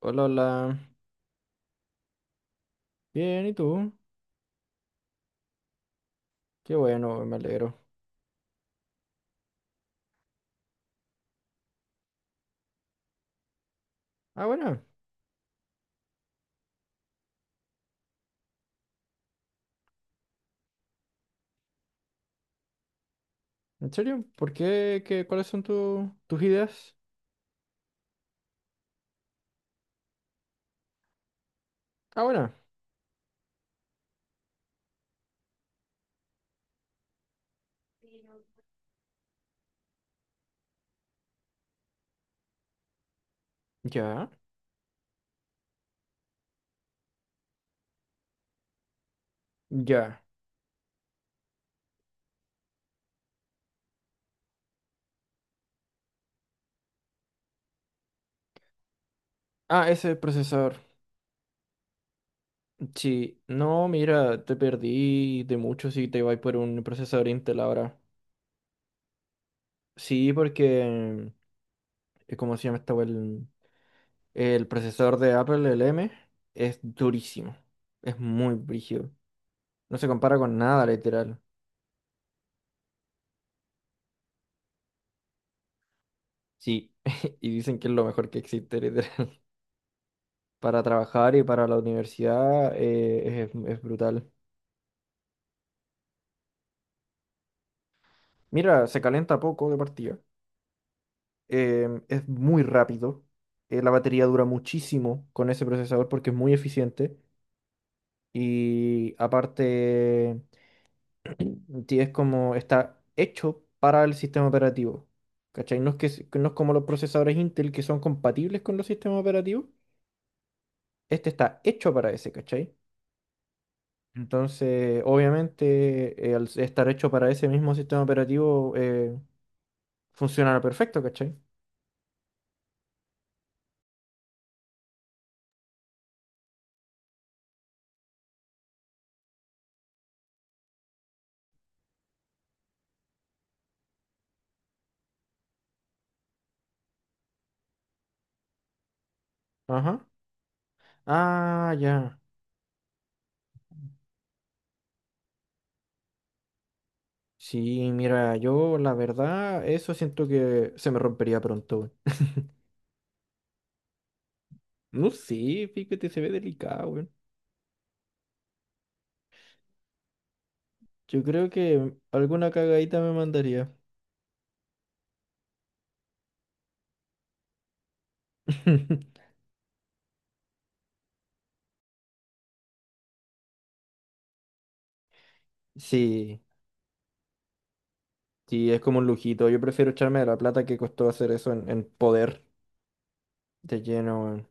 Hola, hola. Bien, ¿y tú? Qué bueno, me alegro. Ah, bueno, ¿en serio? ¿Por qué? ¿Qué? ¿Cuáles son tus ideas? Ah, bueno, ya, ya. Ah, ese procesador. Sí, no, mira, te perdí de mucho si te vas por un procesador Intel ahora. Sí, porque, ¿cómo se llama esta wea? El procesador de Apple, el M, es durísimo. Es muy brígido. No se compara con nada, literal. Sí, y dicen que es lo mejor que existe, literal. Para trabajar y para la universidad es brutal. Mira, se calienta poco de partida. Es muy rápido. La batería dura muchísimo con ese procesador porque es muy eficiente. Y aparte, es como está hecho para el sistema operativo. ¿Cachai? No es que, no es como los procesadores Intel que son compatibles con los sistemas operativos. Este está hecho para ese, ¿cachai? Entonces, obviamente, al estar hecho para ese mismo sistema operativo, funcionará perfecto, ¿cachai? Ajá. Ah, ya. Sí, mira, yo la verdad, eso siento que se me rompería pronto, weón. No sé, fíjate, se ve delicado, weón. Yo creo que alguna cagadita me mandaría. Sí, sí, es como un lujito. Yo prefiero echarme de la plata que costó hacer eso en poder de lleno, weón.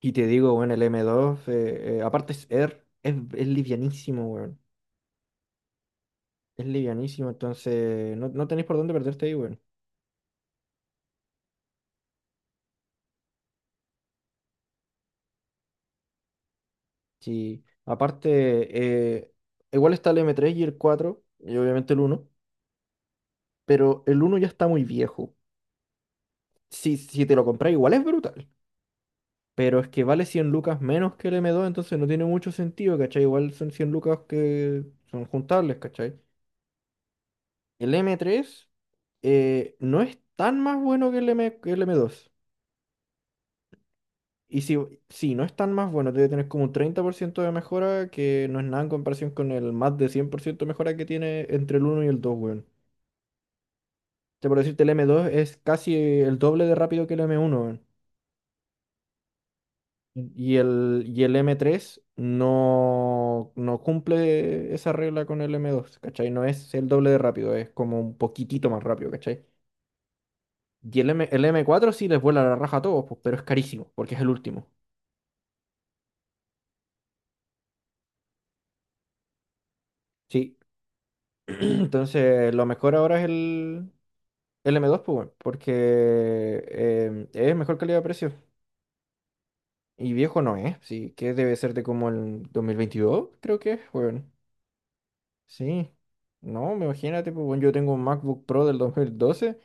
Y te digo, weón, el m dos aparte es Air, es livianísimo, weón. Es livianísimo, entonces no, no tenéis por dónde perderte ahí, weón. Sí, aparte, igual está el m tres y el 4 y obviamente el uno pero el uno ya está muy viejo. Si te lo compras, igual es brutal, pero es que vale 100 lucas menos que el m dos entonces no tiene mucho sentido, ¿cachai? Igual son 100 lucas que son juntables, ¿cachai? El m tres no es tan más bueno que que el m dos. Y sí, no es tan más bueno, debe tener como un 30% de mejora, que no es nada en comparación con el más de 100% de mejora que tiene entre el uno y el 2, sea, por decirte, el m dos es casi el doble de rápido que el m uno weón. Y el m tres no, no cumple esa regla con el m dos, ¿cachai? No es el doble de rápido, es como un poquitito más rápido, ¿cachai? Y el m cuatro sí les vuela la raja a todos, pues, pero es carísimo, porque es el último. Sí, entonces lo mejor ahora es el, m dos pues, weón, porque es mejor calidad de precio. Y viejo no es, sí, que debe ser de como el 2022 creo que es, weón. Sí, no, me imagínate, pues, weón, yo tengo un MacBook Pro del 2012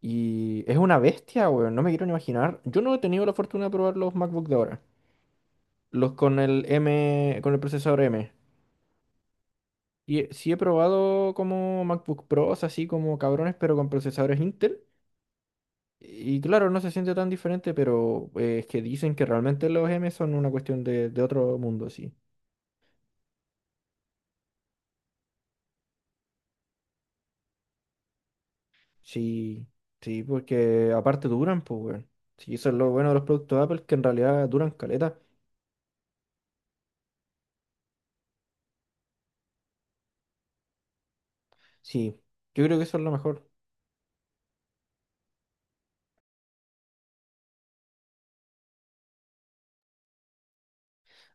y es una bestia, weón, no me quiero ni imaginar. Yo no he tenido la fortuna de probar los MacBook de ahora, los con el M, con el procesador M. Y sí he probado como MacBook Pros, así como cabrones, pero con procesadores Intel. Y claro, no se siente tan diferente, pero es que dicen que realmente los M son una cuestión de otro mundo, sí. Sí, sí, porque aparte duran, pues, weón. Sí, eso es lo bueno de los productos de Apple, que en realidad duran caleta. Sí, yo creo que eso es lo mejor.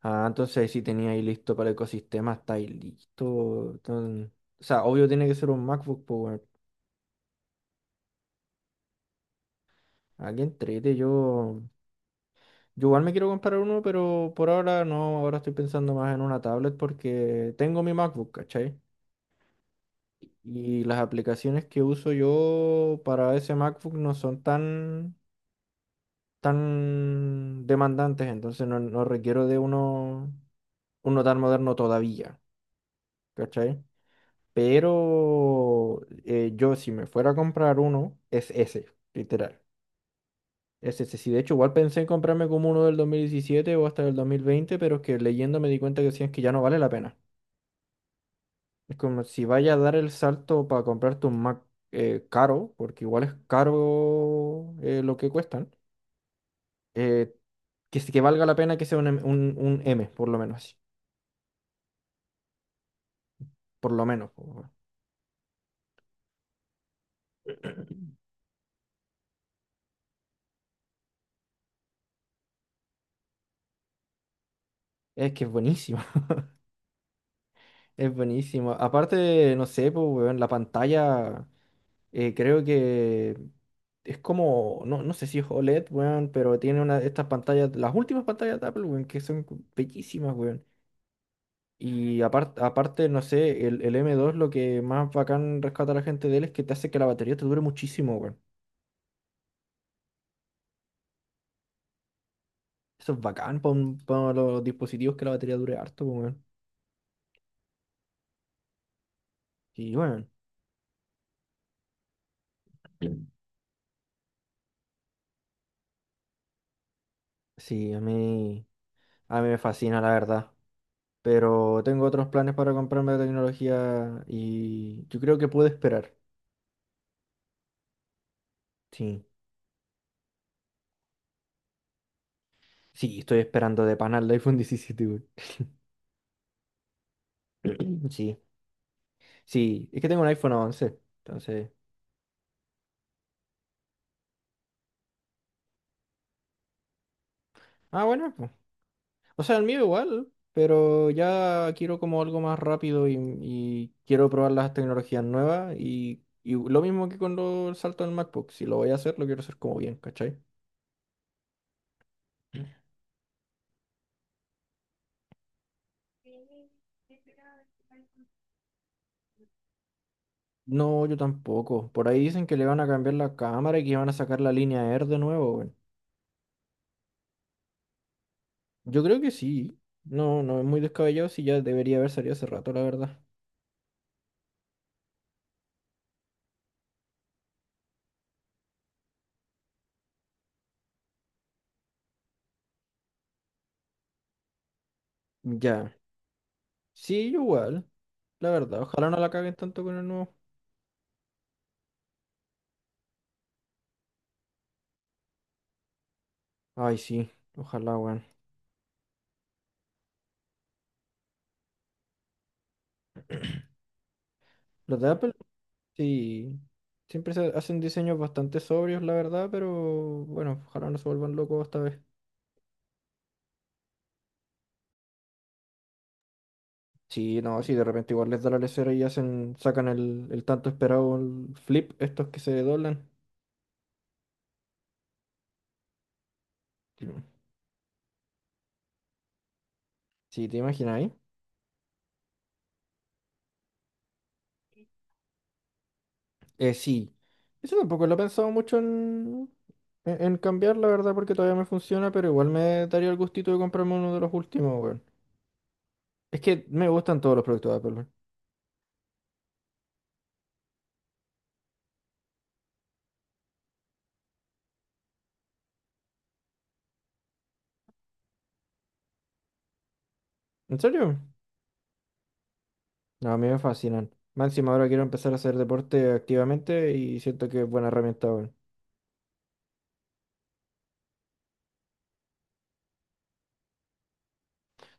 Ah, entonces si tenía ahí listo para el ecosistema, está ahí listo. Entonces, o sea, obvio tiene que ser un MacBook Power. Aquí entrete, yo, igual me quiero comprar uno, pero por ahora no, ahora estoy pensando más en una tablet porque tengo mi MacBook, ¿cachai? Y las aplicaciones que uso yo para ese MacBook no son tan, demandantes, entonces no, no requiero de uno tan moderno todavía, ¿cachai? Pero yo si me fuera a comprar uno, es ese, literal. Es ese. Sí, de hecho, igual pensé en comprarme como uno del 2017 o hasta del 2020 pero es que leyendo me di cuenta que decían que ya no vale la pena. Es como si vaya a dar el salto para comprarte un Mac caro, porque igual es caro lo que cuestan, eh, que, sí que valga la pena que sea un M, por lo menos. Por lo menos. Po, weón. Es que es buenísimo, es buenísimo. Aparte, no sé, pues, weón, la pantalla. Creo que es como, no, no sé si es OLED, weón, pero tiene una de estas pantallas, las últimas pantallas de Apple, weón, que son bellísimas, weón. Y aparte, aparte, no sé, el, m dos lo que más bacán rescata a la gente de él es que te hace que la batería te dure muchísimo, weón. Eso es bacán para los dispositivos que la batería dure harto, weón. Y weón, sí, a mí me fascina, la verdad. Pero tengo otros planes para comprarme de tecnología y yo creo que puedo esperar. Sí. Sí, estoy esperando de pana el iPhone 17, güey. Sí, sí, es que tengo un iPhone 11, entonces. Ah, bueno, pues. O sea, el mío igual, pero ya quiero como algo más rápido y quiero probar las tecnologías nuevas y lo mismo que con el salto del MacBook, si lo voy a hacer, lo quiero hacer como bien, ¿cachai? No, yo tampoco. Por ahí dicen que le van a cambiar la cámara y que van a sacar la línea Air de nuevo, güey. Yo creo que sí. No, no es muy descabellado si ya debería haber salido hace rato, la verdad. Ya. Sí, yo igual. La verdad, ojalá no la caguen tanto con el nuevo. Ay, sí, ojalá, weón. Los de Apple, sí. Siempre se hacen diseños bastante sobrios, la verdad, pero bueno, ojalá no se vuelvan locos esta vez. Sí, no, si de repente igual les da la lesera y sacan el, tanto esperado el flip, estos que se doblan. Sí, sí, ¿te imaginas ahí? Sí. Eso tampoco lo he pensado mucho en, en cambiar, la verdad, porque todavía me funciona, pero igual me daría el gustito de comprarme uno de los últimos, weón. Es que me gustan todos los productos de Apple. ¿En serio? No, a mí me fascinan. Más encima ahora quiero empezar a hacer deporte activamente y siento que es buena herramienta, weón.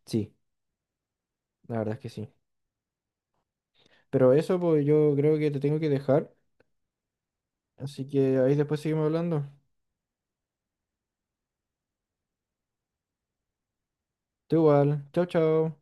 Sí, la verdad es que sí. Pero eso, pues yo creo que te tengo que dejar. Así que ahí después seguimos hablando. Tú igual. Chao, chao.